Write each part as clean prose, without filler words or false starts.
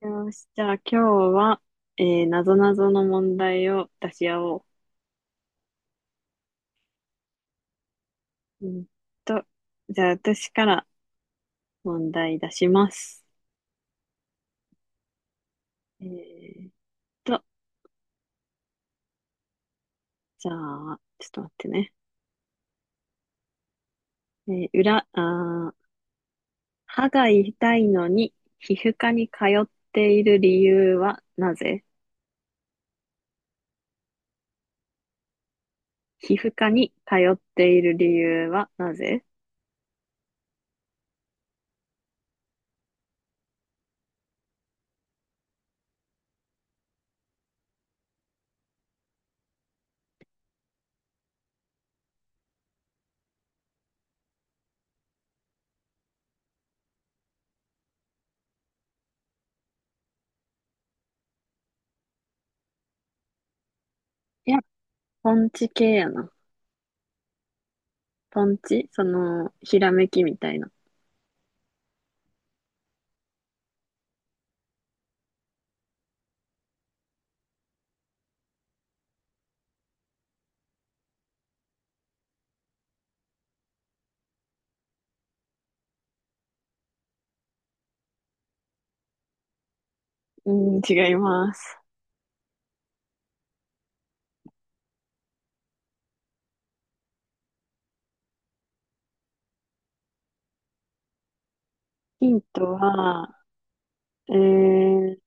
よし、じゃあ今日は、なぞなぞの問題を出し合おう。うんと、じゃあ私から問題出します。えーっと、じゃあ、ちょっと待ってね。えー裏、あー、歯が痛いのに皮膚科に通っている理由はなぜ？皮膚科に通っている理由はなぜ？いや、ポンチ系やな。ポンチその、ひらめきみたいな。うん、違います。ヒントは、えーっ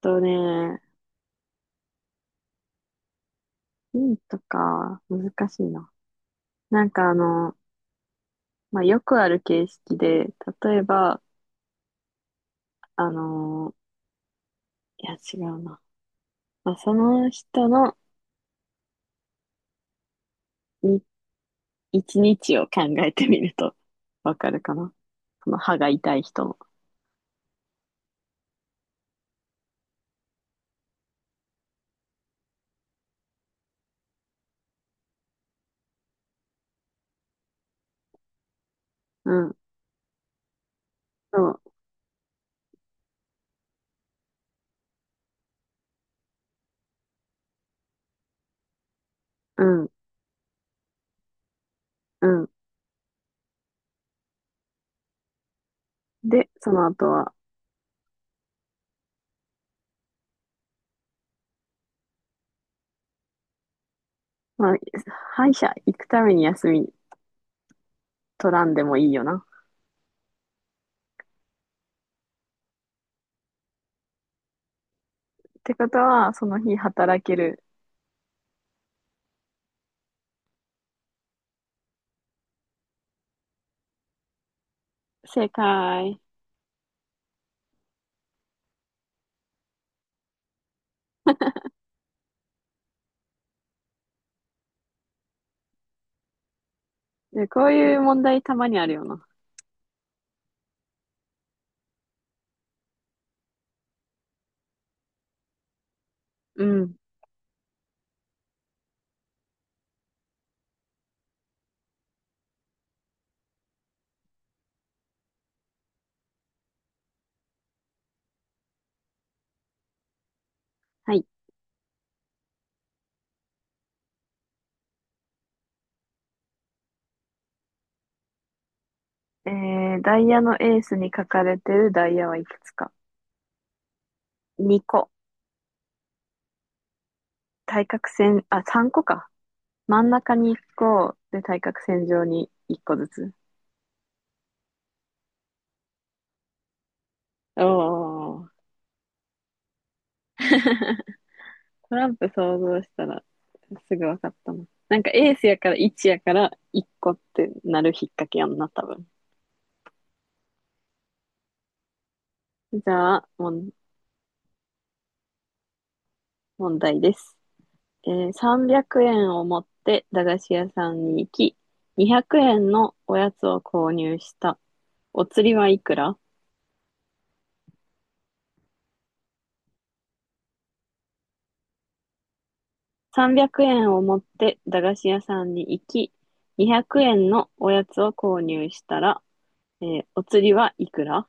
とね、ヒントか、難しいな。なんかまあ、よくある形式で、例えば、あの、いや違うな。まあ、その人のに一日を考えてみるとわかるかな。その歯が痛い人の。うん、そう、うん、うん。で、その後は、まあ、歯医者行くために休み取らんでもいいよな。ってことは、その日働ける。正解。で、こういう問題たまにあるよな。うん。はい。ダイヤのエースに書かれてるダイヤはいくつか？ 2 個。対角線、あ、3個か。真ん中に1個、で、対角線上に1個ずつ。おー。トランプ想像したらすぐ分かったな。なんかエースやから1やから1個ってなる引っ掛けやんな、多分。じゃあ、問題です。300円を持って駄菓子屋さんに行き、200円のおやつを購入した。お釣りはいくら？ 300 円を持って駄菓子屋さんに行き、200円のおやつを購入したら、お釣りはいくら？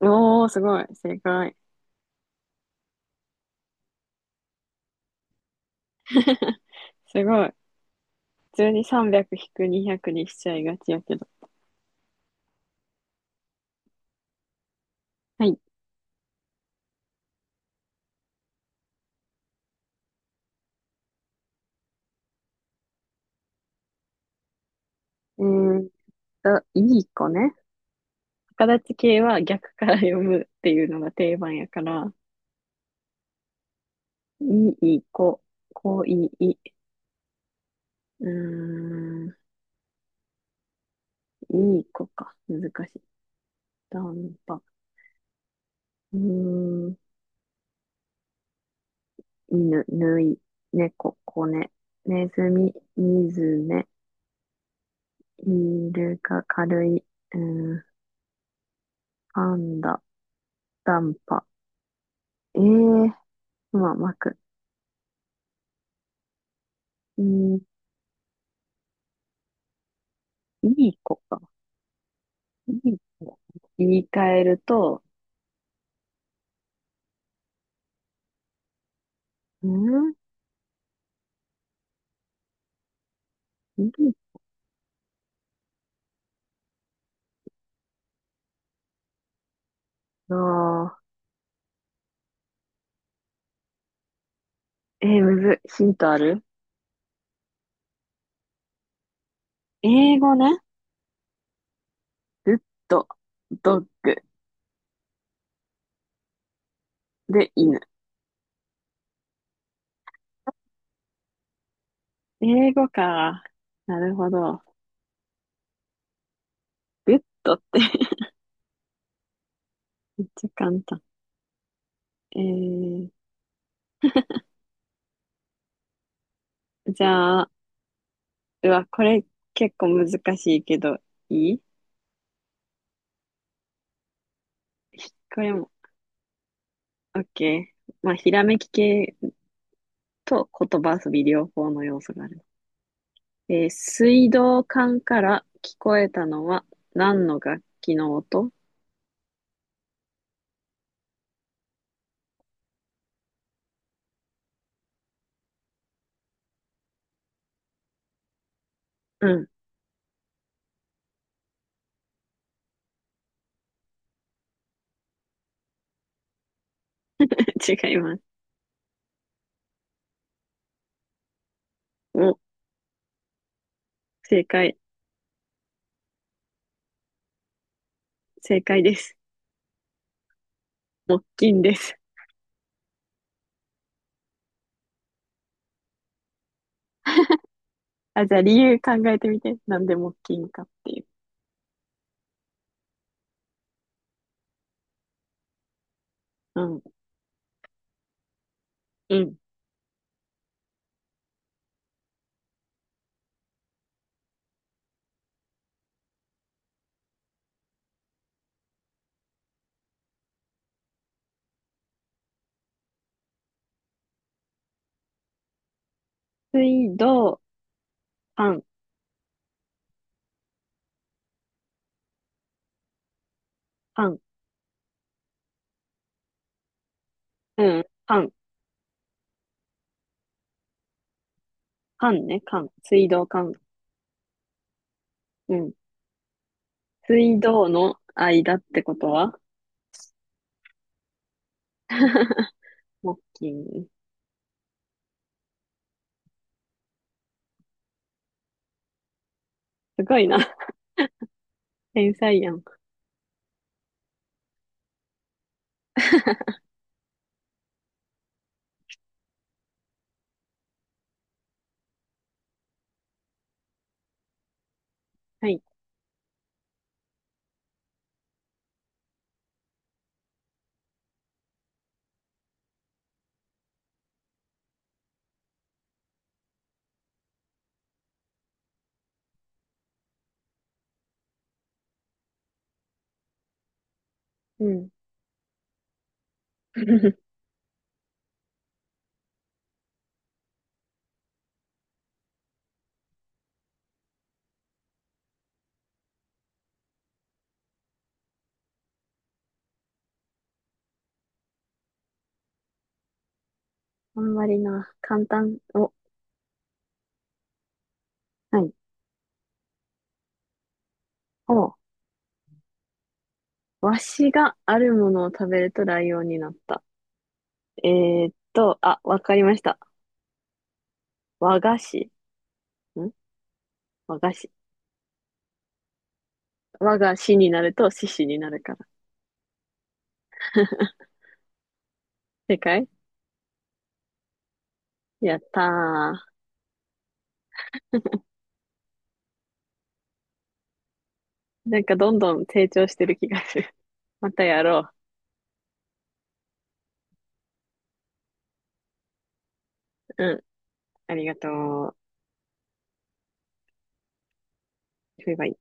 おー、すごい。正解。すごい。普通に300引く200にひゃくにしちゃいがちやけど。はい。えーっいい子ね。逆立ち系は逆から読むっていうのが定番やから、いい子、こいい、うーん、いい子か。難しい。ダンパ。うーん、犬、ぬい、猫、子ね、ネズミ、ミズメ、イルカ、軽い、うん、パンダ、ダンパ、えー、まあ、まく、うん、いい子か。いい子。言い換えると、うんいいなぁむずい。ヒントある？英語ね。グッド、ドッグで犬。英語か。なるほど。グッドって めっちゃ簡単。えー、じゃあ、うわ、これ結構難しいけど、いいこれも、OK。まあ、ひらめき系と言葉遊び両方の要素がある。水道管から聞こえたのは何の楽器の音？うん、違います。お、正解、正解です。木琴です。あ、じゃあ理由考えてみて。なんで木琴かっていう。うん、うん。水道管、管、うん、管、管ね、管。水道管。うん。水道の間ってことはモッキー。すごいな。天才やん。はい。うん。あんまりな。簡単。お、はい。お、わしがあるものを食べるとライオンになった。えあ、わかりました。和菓子。ん和菓子。和が子になると獅子になるから。正解やったー。なんかどんどん成長してる気がする。またやろう。うん。ありがとう。バイバイ。